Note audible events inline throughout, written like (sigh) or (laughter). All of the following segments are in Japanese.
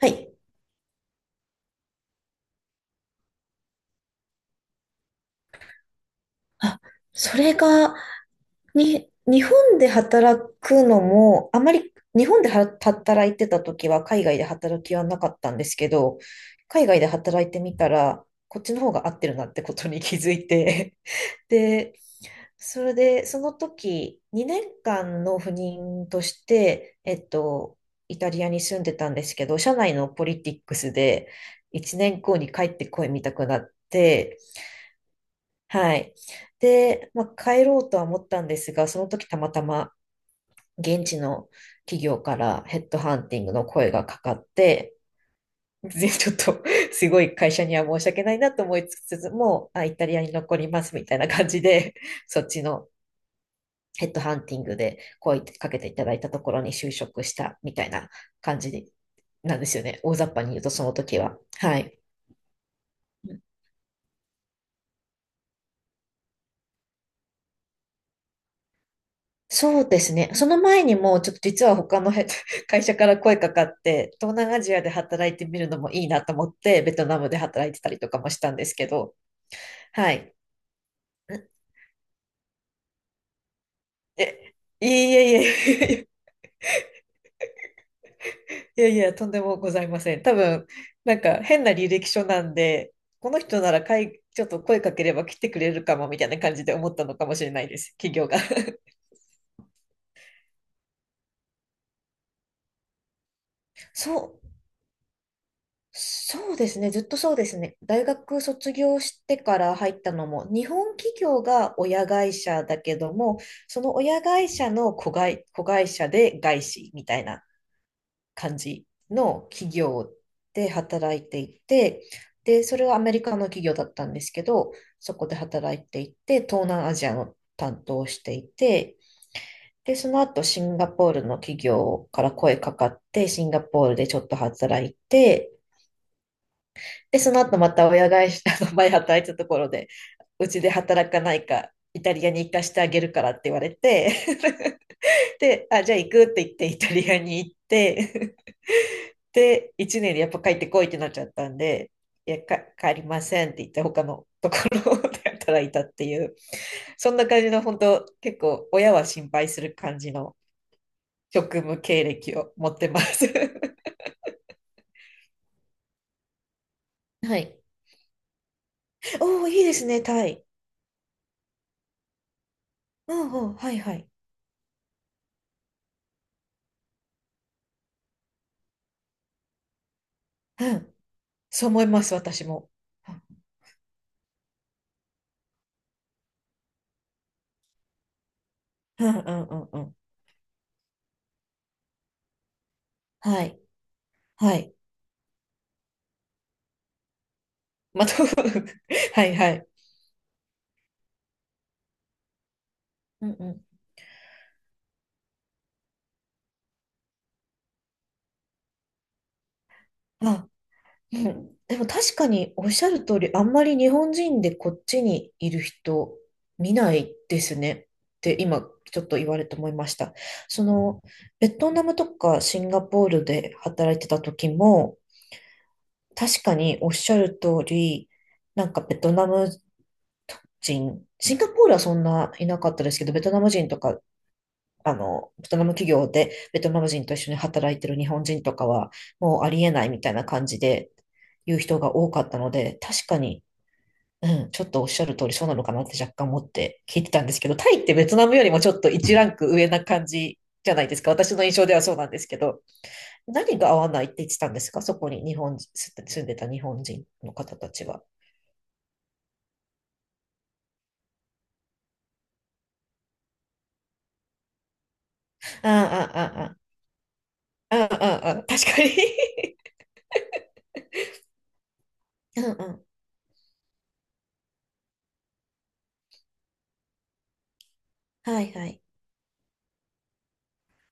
はい。あ、それが、日本で働くのも、あまり日本では働いてた時は海外で働きはなかったんですけど、海外で働いてみたら、こっちの方が合ってるなってことに気づいて、(laughs) で、それで、その時、2年間の赴任として、イタリアに住んでたんですけど、社内のポリティックスで、1年後に帰ってこいみたくなって、はい。で、まあ、帰ろうとは思ったんですが、その時たまたま現地の企業からヘッドハンティングの声がかかって、(laughs) ぜちょっと (laughs) すごい会社には申し訳ないなと思いつつも、あ、イタリアに残りますみたいな感じで、(laughs) そっちのヘッドハンティングで声かけていただいたところに就職したみたいな感じなんですよね。大雑把に言うとその時は。はい。そうですね。その前にも、ちょっと実は他のへ (laughs) 会社から声かかって、東南アジアで働いてみるのもいいなと思って、ベトナムで働いてたりとかもしたんですけど、はい。え、いえいえいえ、(laughs) いやいや、とんでもございません。多分、なんか変な履歴書なんで、この人ならかい、ちょっと声かければ来てくれるかもみたいな感じで思ったのかもしれないです、企業が。(laughs) そうそうですね。ずっとそうですね。大学卒業してから入ったのも、日本企業が親会社だけども、その親会社の子会社で外資みたいな感じの企業で働いていて、で、それはアメリカの企業だったんですけど、そこで働いていて、東南アジアの担当をしていて、で、その後シンガポールの企業から声かかって、シンガポールでちょっと働いて、で、その後また親会社、あの前働いてたところで、うちで働かないか、イタリアに行かしてあげるからって言われて、(laughs) で、あ、じゃあ行くって言ってイタリアに行って、(laughs) で、1年でやっぱ帰ってこいってなっちゃったんで、いや、帰りませんって言って他のところで働いたっていう、そんな感じの本当、結構親は心配する感じの職務経歴を持ってます。(laughs) はい。(laughs) おお、いいですね、タイ。うんうん、はいはい。うん。そう思います、私も。うんうんうんうん。はい。はい。まあ、と (laughs) はいはい。うんうん。あ、うん。でも確かにおっしゃる通り、あんまり日本人でこっちにいる人見ないですねって今ちょっと言われて思いました。その、ベトナムとかシンガポールで働いてた時も、確かにおっしゃる通り、なんかベトナム人、シンガポールはそんないなかったですけど、ベトナム人とかあの、ベトナム企業でベトナム人と一緒に働いてる日本人とかは、もうありえないみたいな感じで言う人が多かったので、確かに、うん、ちょっとおっしゃる通りそうなのかなって若干思って聞いてたんですけど、タイってベトナムよりもちょっと1ランク上な感じじゃないですか。私の印象ではそうなんですけど、何が合わないって言ってたんですかそこに住んでた日本人の方たちは。ああ、ああ、ああ、ああ、ああ、確かに。 (laughs) うんうん。はいはい。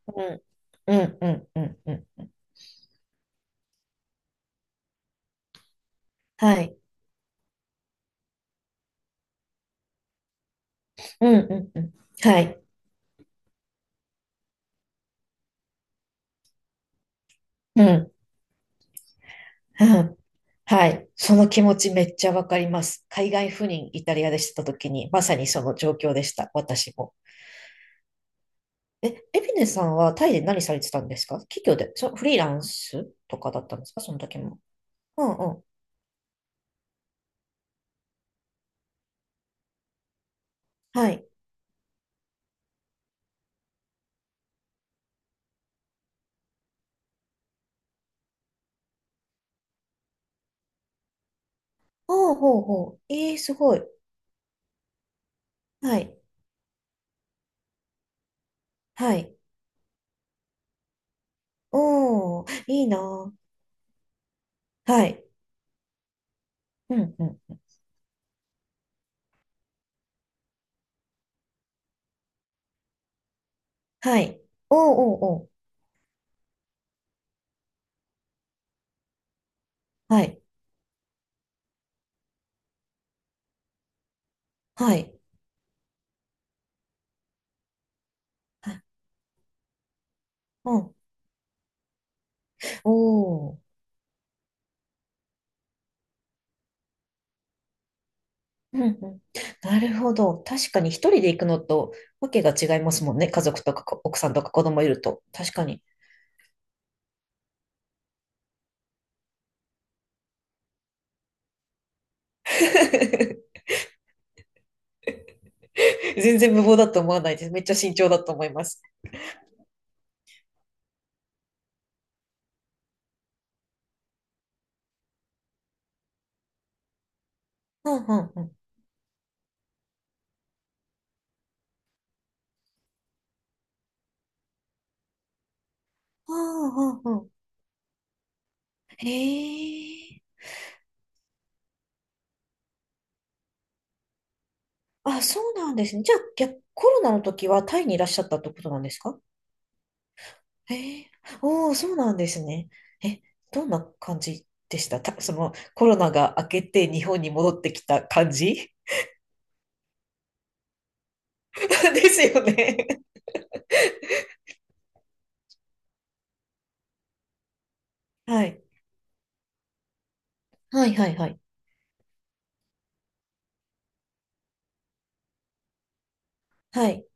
うん。うんうんうんうん。はい。うんうんうん。はい。うん。うん。(laughs) はい。その気持ちめっちゃわかります。海外赴任イタリアでした時に、まさにその状況でした。私も。え、エビネさんはタイで何されてたんですか企業で、そ、フリーランスとかだったんですかその時も。うんうん。はい。ああ、ほうほう。ええすごい。はい。はい。おー、いいなー。はい。うんうん。はい。おーおーおー。はい。はい。はい。うん。おー。うんうん、なるほど。確かに一人で行くのとわけが違いますもんね。家族とか奥さんとか子供いると。確かに。(laughs) 全然無謀だと思わないです。めっちゃ慎重だと思います。うんうんうん。うんうんうん。へえ。あ、そうなんですね。じゃあ、逆、コロナの時はタイにいらっしゃったってことなんですか？へえ。おお、そうなんですね。え、どんな感じでしたた、そのコロナが明けて日本に戻ってきた感じ。 (laughs) ですよね。はい。はいはいはい。はい。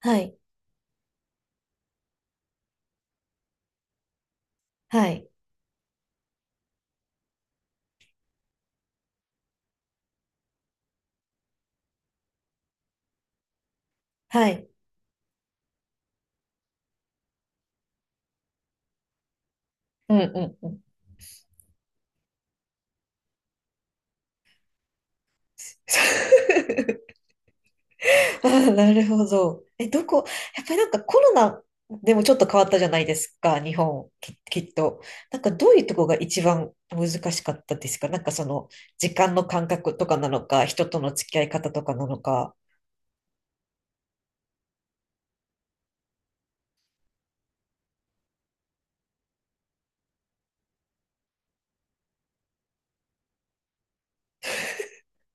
はい。はい。はい。うんうんうん。(laughs) ああ、なるほど。え、どこ、やっぱりなんかコロナでもちょっと変わったじゃないですか、日本、きっと。なんかどういうとこが一番難しかったですかなんかその時間の感覚とかなのか、人との付き合い方とかなのか。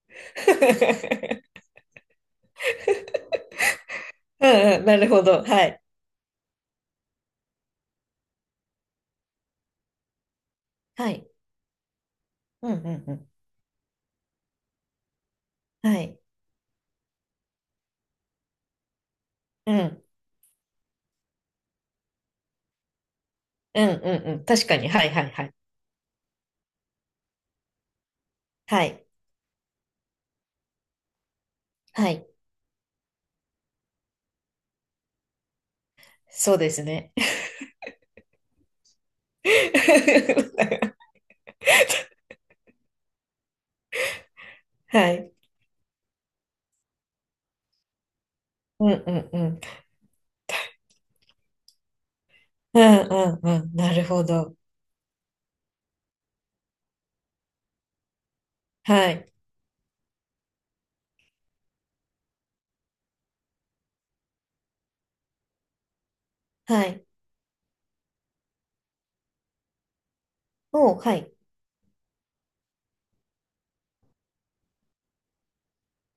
(laughs) うんうん、なるほど。はい。はい。うんうんうん。はい。うん。うんうんうん。確かに。はいはいはい。はい。はい。そうですね。(laughs) はい。うんうんうん。うんうんうん。なるほど。はい。はい。おう、はい。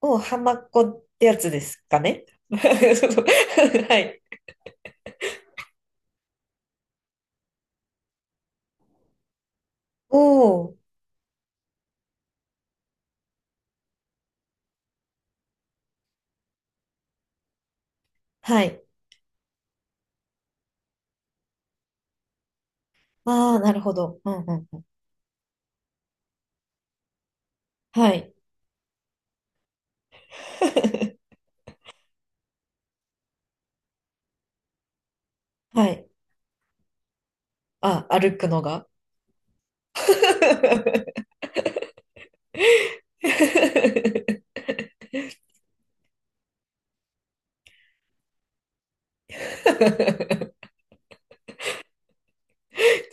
おう、ハマっ子ってやつですかね。(laughs) そうそう。 (laughs) はい。おう、はい。ああ、なるほど。うんうんうん。はい。(laughs) はい。あ、歩くのが。(laughs)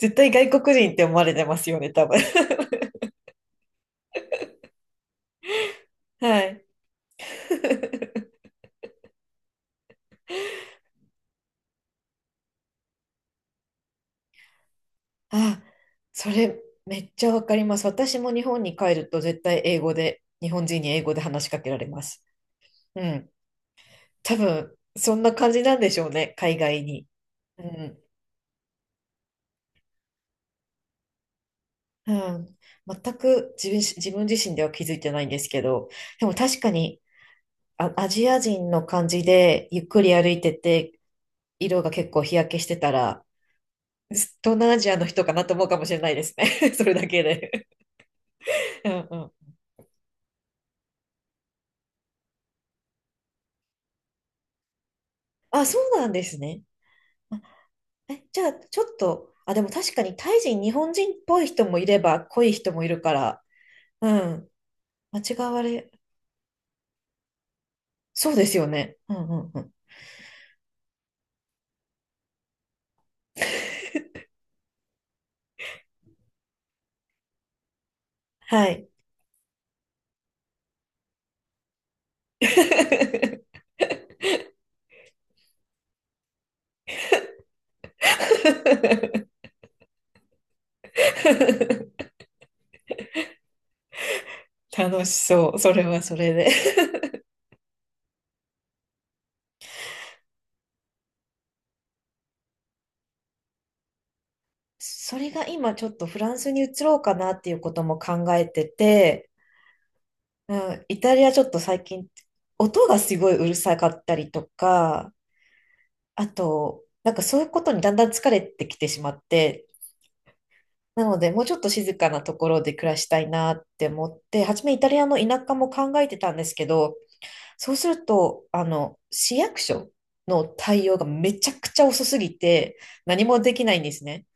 絶対外国人って思われてますよね、多分。はい。あ、それめっちゃわかります。私も日本に帰ると絶対英語で、日本人に英語で話しかけられます。うん。多分、そんな感じなんでしょうね、海外に。うん。うん。全く自分自身では気づいてないんですけど、でも確かにあ、アジア人の感じでゆっくり歩いてて、色が結構日焼けしてたら、東南アジアの人かなと思うかもしれないですね。(laughs) それだけで。うんうん。あ、そうなんですね。え、じゃあ、ちょっと、あ、でも確かにタイ人、日本人っぽい人もいれば、濃い人もいるから、うん、間違われ、そうですよね。うんうんうん。はい。(laughs) 楽しそう。それはそれで。それが今ちょっとフランスに移ろうかなっていうことも考えてて、うん、イタリアちょっと最近音がすごいうるさかったりとか、あと、なんかそういうことにだんだん疲れてきてしまって、なので、もうちょっと静かなところで暮らしたいなって思って、初めイタリアの田舎も考えてたんですけど、そうすると、あの、市役所の対応がめちゃくちゃ遅すぎて、何もできないんですね。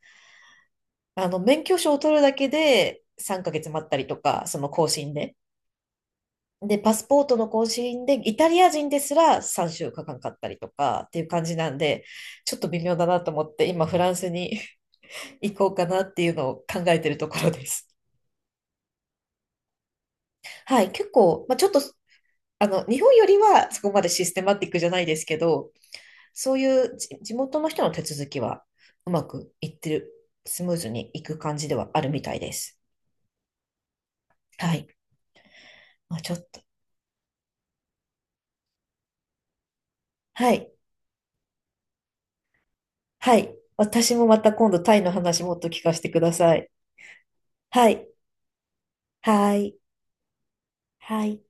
あの、免許証を取るだけで3ヶ月待ったりとか、その更新で。で、パスポートの更新で、イタリア人ですら3週間かかんかったりとかっていう感じなんで、ちょっと微妙だなと思って、今フランスに (laughs) 行こうかなっていうのを考えてるところです。はい、結構、まあ、ちょっと、あの、日本よりはそこまでシステマティックじゃないですけど、そういう地元の人の手続きはうまくいってる、スムーズにいく感じではあるみたいです。はい。まあ、ちょっと。はい。はい。私もまた今度タイの話もっと聞かせてください。はい。はい。はい。